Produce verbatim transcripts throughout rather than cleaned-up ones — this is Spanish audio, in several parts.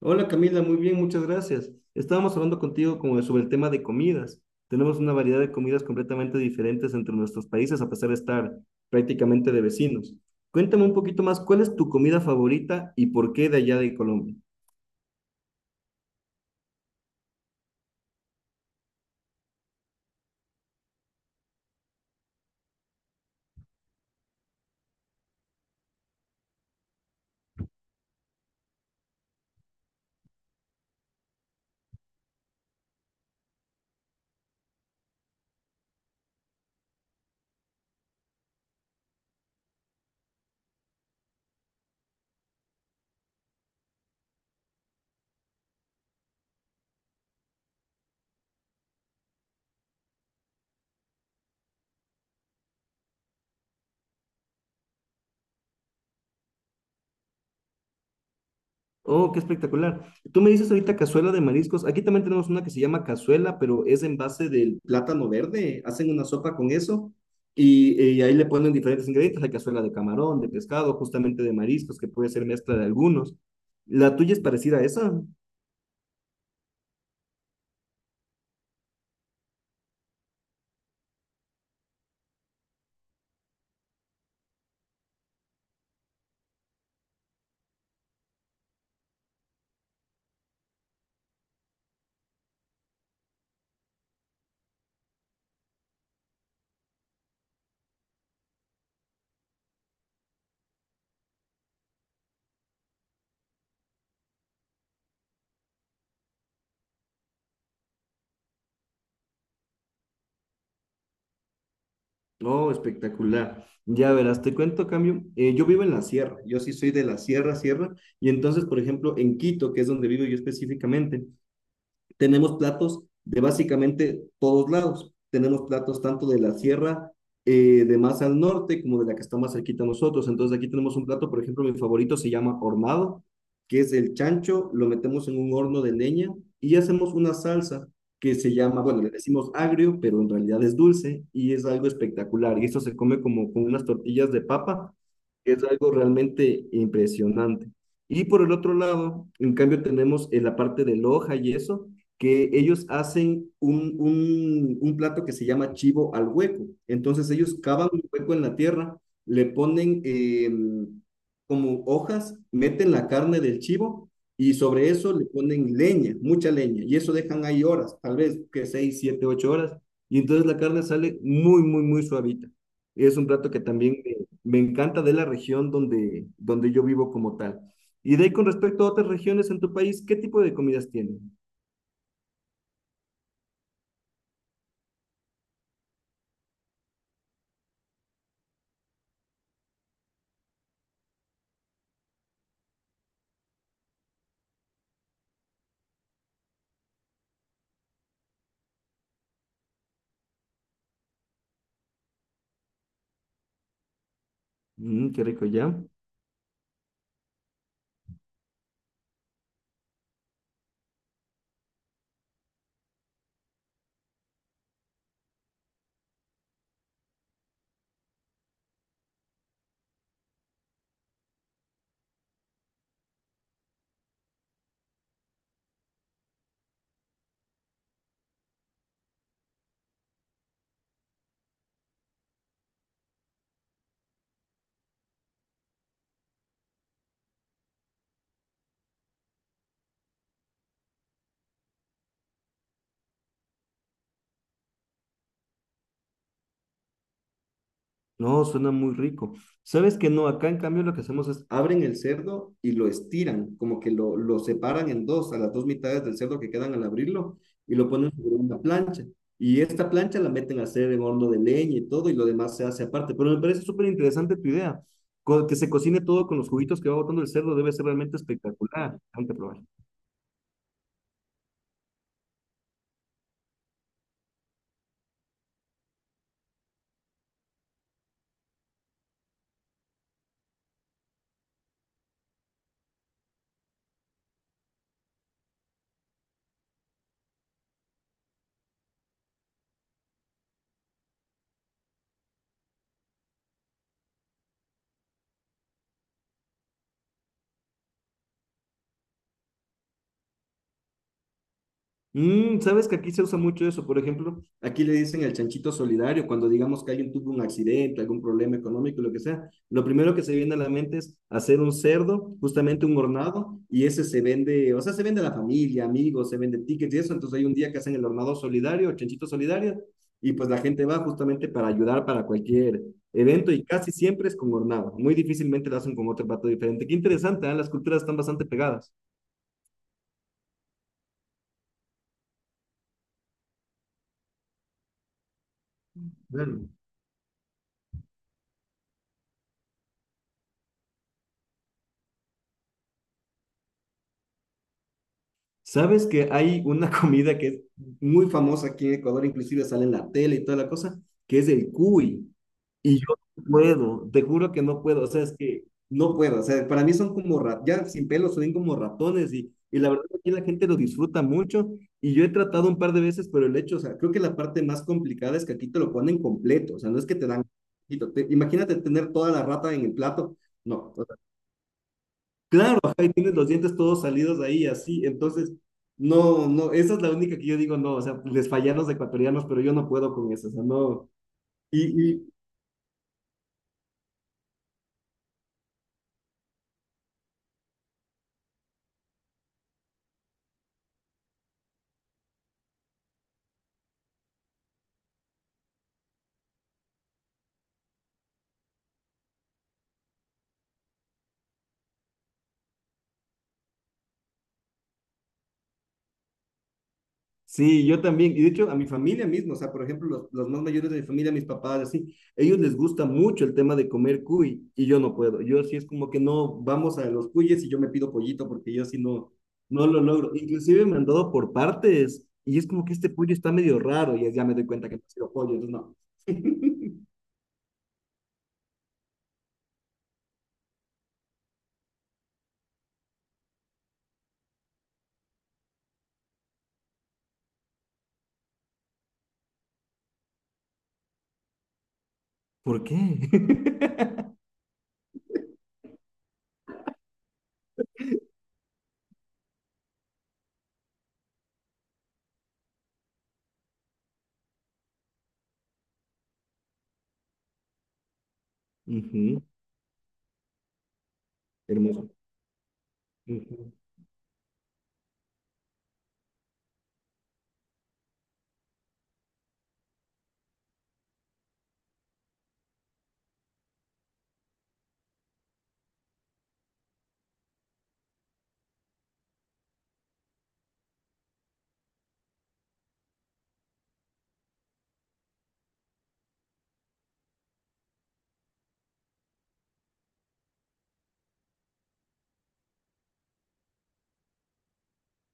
Hola Camila, muy bien, muchas gracias. Estábamos hablando contigo como de- sobre el tema de comidas. Tenemos una variedad de comidas completamente diferentes entre nuestros países a pesar de estar prácticamente de vecinos. Cuéntame un poquito más, ¿cuál es tu comida favorita y por qué de allá de Colombia? Oh, qué espectacular. Tú me dices ahorita cazuela de mariscos. Aquí también tenemos una que se llama cazuela, pero es en base del plátano verde. Hacen una sopa con eso y, eh, ahí le ponen diferentes ingredientes. Hay cazuela de camarón, de pescado, justamente de mariscos, que puede ser mezcla de algunos. ¿La tuya es parecida a esa? Oh, espectacular. Ya verás, te cuento, cambio. Eh, yo vivo en la sierra. Yo sí soy de la sierra, sierra. Y entonces, por ejemplo, en Quito, que es donde vivo yo específicamente, tenemos platos de básicamente todos lados. Tenemos platos tanto de la sierra eh, de más al norte como de la que está más cerquita a nosotros. Entonces aquí tenemos un plato, por ejemplo, mi favorito se llama hornado, que es el chancho, lo metemos en un horno de leña y hacemos una salsa que se llama, bueno, le decimos agrio, pero en realidad es dulce y es algo espectacular. Y esto se come como con unas tortillas de papa, que es algo realmente impresionante. Y por el otro lado, en cambio, tenemos eh, la parte de loja y eso, que ellos hacen un, un, un plato que se llama chivo al hueco. Entonces ellos cavan un hueco en la tierra, le ponen eh, como hojas, meten la carne del chivo y sobre eso le ponen leña, mucha leña, y eso dejan ahí horas, tal vez que seis siete ocho horas, y entonces la carne sale muy, muy, muy suavita. Es un plato que también me, me encanta de la región donde, donde yo vivo como tal. Y de ahí con respecto a otras regiones en tu país, ¿qué tipo de comidas tienen? Mm, qué rico, ¿ya? No, suena muy rico. ¿Sabes que no? Acá en cambio lo que hacemos es abren el cerdo y lo estiran, como que lo, lo separan en dos, a las dos mitades del cerdo que quedan al abrirlo y lo ponen sobre una plancha. Y esta plancha la meten a hacer en horno de leña y todo y lo demás se hace aparte. Pero me parece súper interesante tu idea. Co- que se cocine todo con los juguitos que va botando el cerdo debe ser realmente espectacular. Hay que probar. Mm, sabes que aquí se usa mucho eso. Por ejemplo, aquí le dicen el chanchito solidario. Cuando digamos que alguien tuvo un accidente, algún problema económico, lo que sea, lo primero que se viene a la mente es hacer un cerdo, justamente un hornado, y ese se vende, o sea, se vende a la familia, amigos, se vende tickets y eso. Entonces hay un día que hacen el hornado solidario, el chanchito solidario, y pues la gente va justamente para ayudar para cualquier evento y casi siempre es con hornado. Muy difícilmente lo hacen con otro plato diferente. Qué interesante, ¿eh? Las culturas están bastante pegadas. Claro. ¿Sabes que hay una comida que es muy famosa aquí en Ecuador, inclusive sale en la tele y toda la cosa, que es el cuy? Y yo no puedo, te juro que no puedo, o sea, es que no puedo, o sea, para mí son como, ra- ya sin pelo, son como ratones y, y la verdad aquí la gente lo disfruta mucho y yo he tratado un par de veces, pero el hecho, o sea, creo que la parte más complicada es que aquí te lo ponen completo, o sea, no es que te dan, poquito, te- imagínate tener toda la rata en el plato, no. Claro, ajá, y tienes los dientes todos salidos ahí, así. Entonces, no, no, esa es la única que yo digo, no, o sea, les fallan los ecuatorianos, pero yo no puedo con eso, o sea, no. Y, y sí, yo también. Y de hecho, a mi familia mismo, o sea, por ejemplo, los, los más mayores de mi familia, mis papás, así, ellos les gusta mucho el tema de comer cuy, y yo no puedo. Yo sí es como que no, vamos a los cuyes y yo me pido pollito, porque yo sí no, no lo logro. Inclusive me han dado por partes, y es como que este pollo está medio raro, y ya me doy cuenta que no ha sido pollo, entonces no. ¿Por qué? Ujú. Hermoso. Ujú.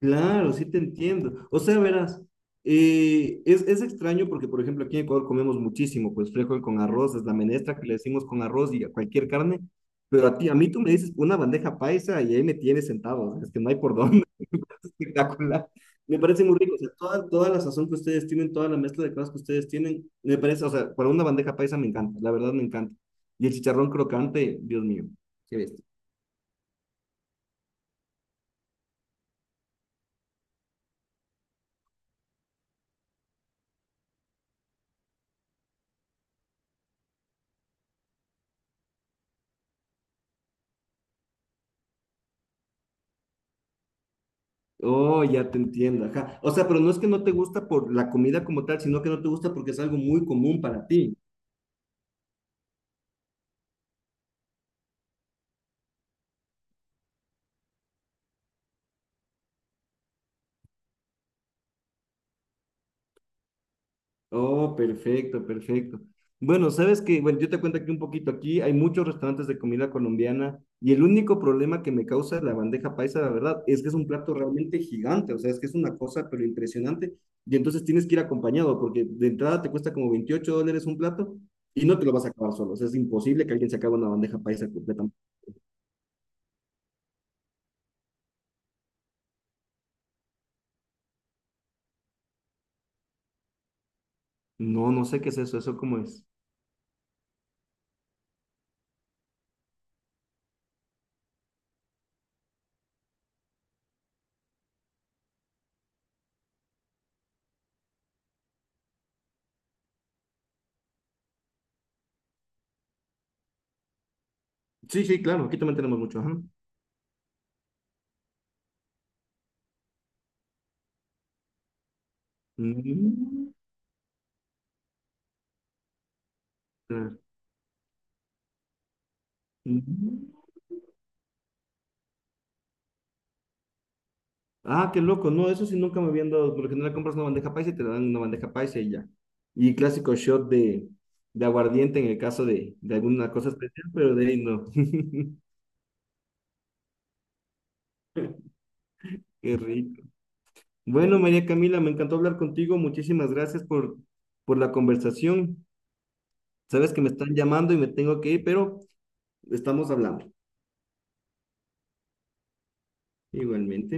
Claro, sí te entiendo. O sea, verás, eh, es, es extraño porque, por ejemplo, aquí en Ecuador comemos muchísimo, pues frijol con arroz, es la menestra que le decimos con arroz y a cualquier carne, pero a ti, a mí tú me dices una bandeja paisa y ahí me tienes sentado, o sea, es que no hay por dónde, es espectacular. Me parece muy rico, o sea, toda, toda la sazón que ustedes tienen, toda la mezcla de cosas que ustedes tienen, me parece, o sea, para una bandeja paisa me encanta, la verdad me encanta. Y el chicharrón crocante, Dios mío, qué bestia. Oh, ya te entiendo, ajá. O sea, pero no es que no te gusta por la comida como tal, sino que no te gusta porque es algo muy común para ti. Oh, perfecto, perfecto. Bueno, sabes que, bueno, yo te cuento aquí un poquito, aquí hay muchos restaurantes de comida colombiana y el único problema que me causa la bandeja paisa, la verdad, es que es un plato realmente gigante, o sea, es que es una cosa pero impresionante y entonces tienes que ir acompañado porque de entrada te cuesta como veintiocho dólares un plato y no te lo vas a acabar solo, o sea, es imposible que alguien se acabe una bandeja paisa completa. No, no sé qué es eso, ¿eso cómo es? Sí, sí, claro, aquí también tenemos mucho. Ajá. Mm, claro. Mm. Ah, qué loco. No, eso sí nunca me habían dado. Por lo general compras una bandeja paisa y te dan una bandeja paisa y ya. Y clásico shot de, de aguardiente en el caso de, de alguna cosa especial, pero de ahí no. Qué rico. Bueno, María Camila, me encantó hablar contigo. Muchísimas gracias por, por la conversación. Sabes que me están llamando y me tengo que ir, pero estamos hablando. Igualmente.